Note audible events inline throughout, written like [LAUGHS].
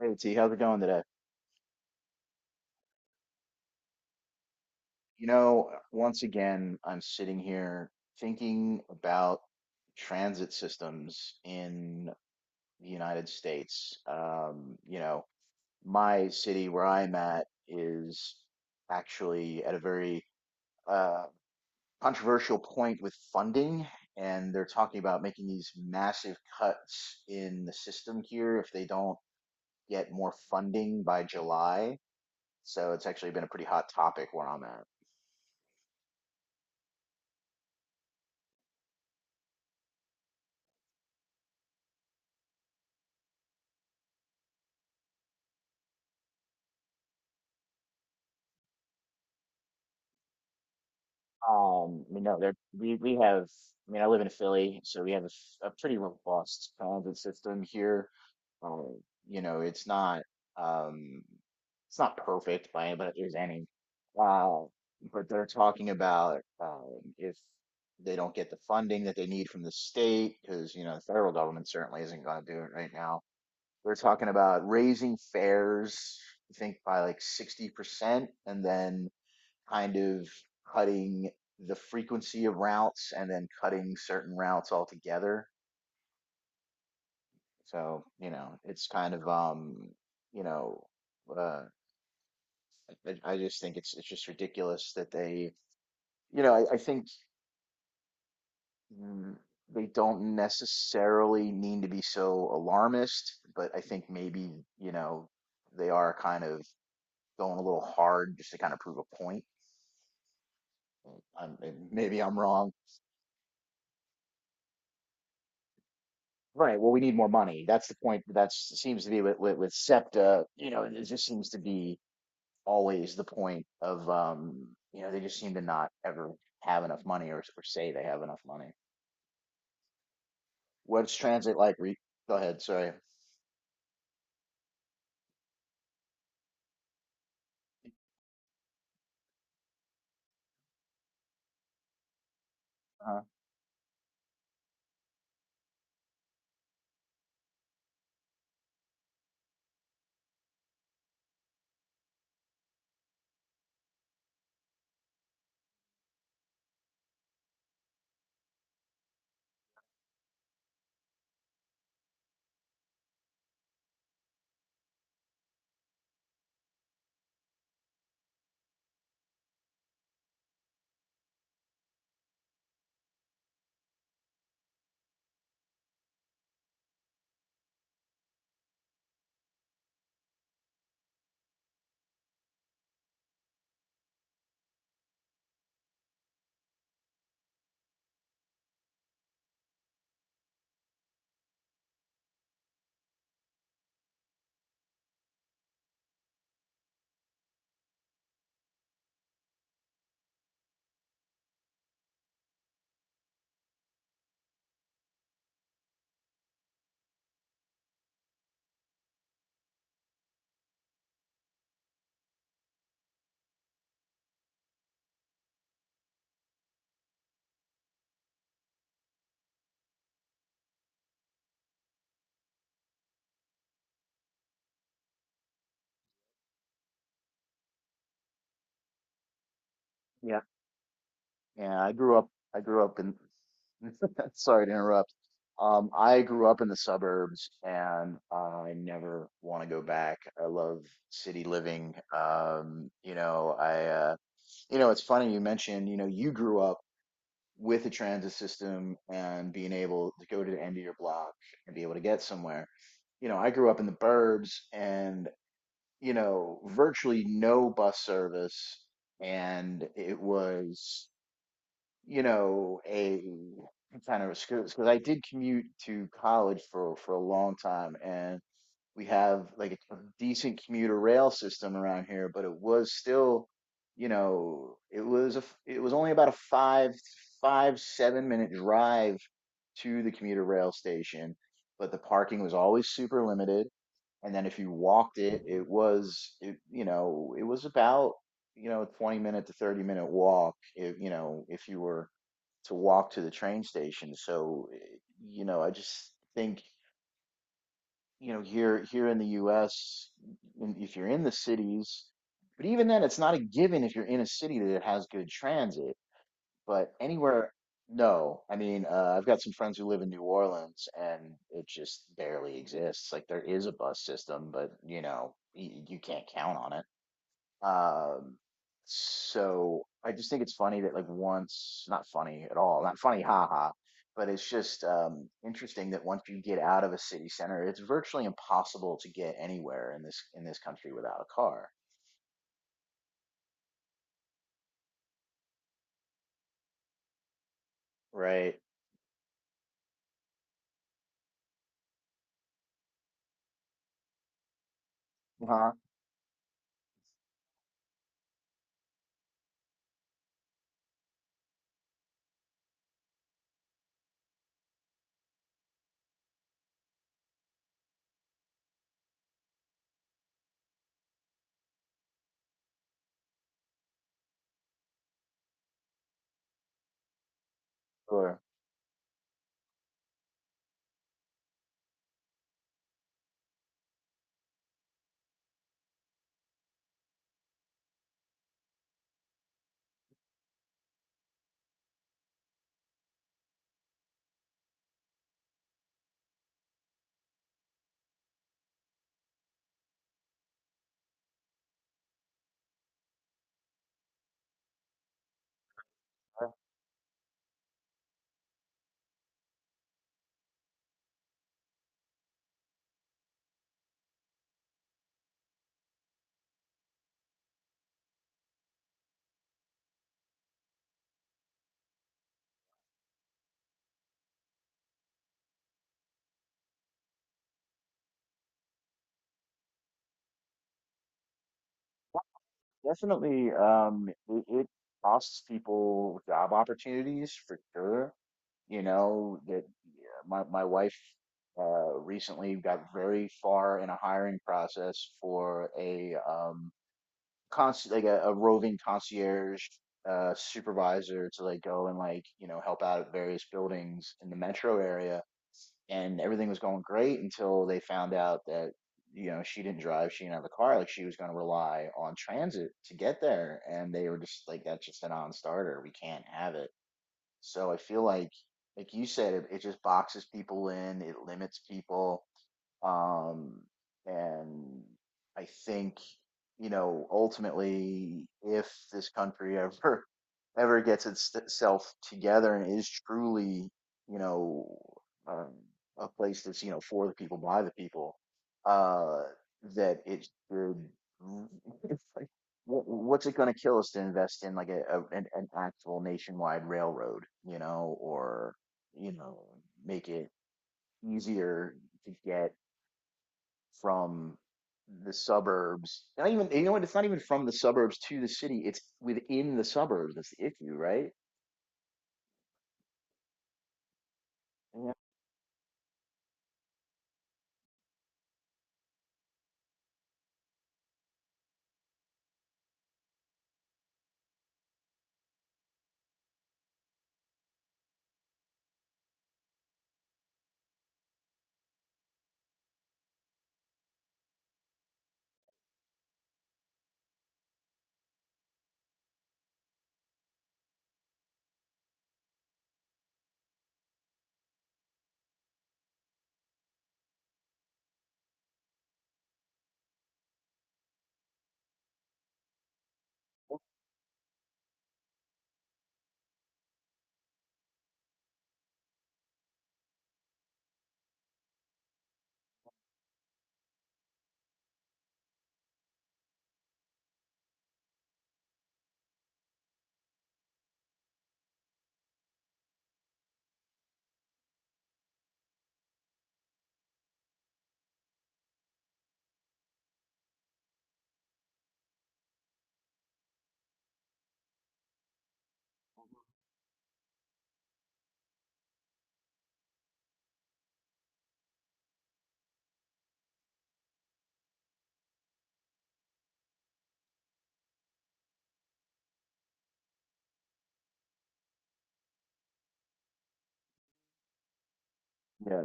Hey T, how's it going today? You know, once again, I'm sitting here thinking about transit systems in the United States. You know, my city where I'm at is actually at a very uh, controversial point with funding, and they're talking about making these massive cuts in the system here if they don't get more funding by July. So it's actually been a pretty hot topic where I'm at. You know, there we have. I mean, I live in Philly, so we have a, a pretty robust transit system here. Um, you know, um, it's not perfect by any, but there's any. Uh, but they're talking about, if they don't get the funding that they need from the state, because you know, the federal government certainly isn't going to do it right now. They're talking about raising fares, I think, by like 60%, and then kind of cutting the frequency of routes and then cutting certain routes altogether. So, you know, it's you know, uh, I just think it's just ridiculous that they, I think mm, they don't necessarily need to be so alarmist, but I think maybe, you know, they are kind of going a little hard just to kind of prove a point. I'm, Maybe I'm wrong. Right. Well, we need more money. That's the point. That seems to be with SEPTA. You know, it just seems to be always the point of, you know, they just seem to not ever have enough money, or say they have enough money. What's transit like? Go ahead. Sorry. Uh, yeah. Yeah. I grew up in. [LAUGHS] Sorry to interrupt. I grew up in the suburbs, and I never want to go back. I love city living. You know, I. You know, it's funny you mentioned, you know, you grew up with a transit system and being able to go to the end of your block and be able to get somewhere. You know, I grew up in the burbs and, you know, virtually no bus service. And it was, you know, a kind of a, because I did commute to college for a long time, and we have like a decent commuter rail system around here, but it was still, you know, it was only about a five seven minute drive to the commuter rail station, but the parking was always super limited. And then if you walked it, you know, it was about, you know, 20 minute to 30 minute walk if, you know, if you were to walk to the train station. So, you know, I just think, you know, here in the US, if you're in the cities, but even then it's not a given if you're in a city that has good transit, but anywhere. No, I mean, I've got some friends who live in New Orleans, and it just barely exists. Like, there is a bus system, but you know, you can't count on it. um, so I just think it's funny that, like, once, not funny at all, not funny, haha, but it's just, interesting that once you get out of a city center, it's virtually impossible to get anywhere in this country without a car, right? Uh-huh. Sure. Definitely, it costs people job opportunities for sure. You know, that, yeah, my wife recently got very far in a hiring process for a, cons, like a roving concierge supervisor, to like go and like, you know, help out at various buildings in the metro area, and everything was going great until they found out that, you know, she didn't drive, she didn't have a car, like she was going to rely on transit to get there, and they were just like, that's just a non-starter, we can't have it. So I feel like you said, it just boxes people in, it limits people. um and I think, you know, ultimately, if this country [LAUGHS] ever gets itself together and is truly, you know, um, a place that's, you know, for the people by the people, uh, that it should. It's like, what's it going to kill us to invest in like a, an actual nationwide railroad, you know, or you know, make it easier to get from the suburbs. Not even, you know what? It's not even from the suburbs to the city. It's within the suburbs. That's the issue, right? Yeah, yeah,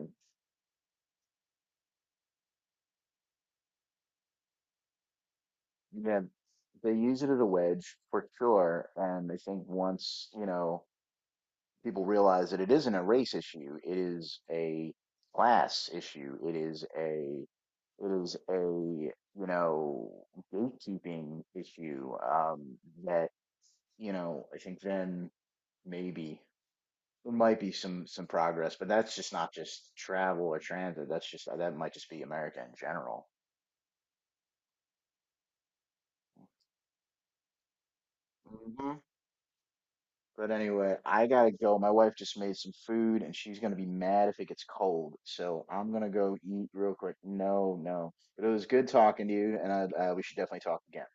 yeah. They use it as a wedge for sure, and I think once, you know, people realize that it isn't a race issue, it is a class issue. It is a, you know, gatekeeping issue, that, you know, I think then maybe there might be some progress, but that's just not just travel or transit. That's just, that might just be America in general. hmm But anyway, I gotta go. My wife just made some food, and she's gonna be mad if it gets cold. So I'm gonna go eat real quick. No, no. But it was good talking to you, and we should definitely talk again.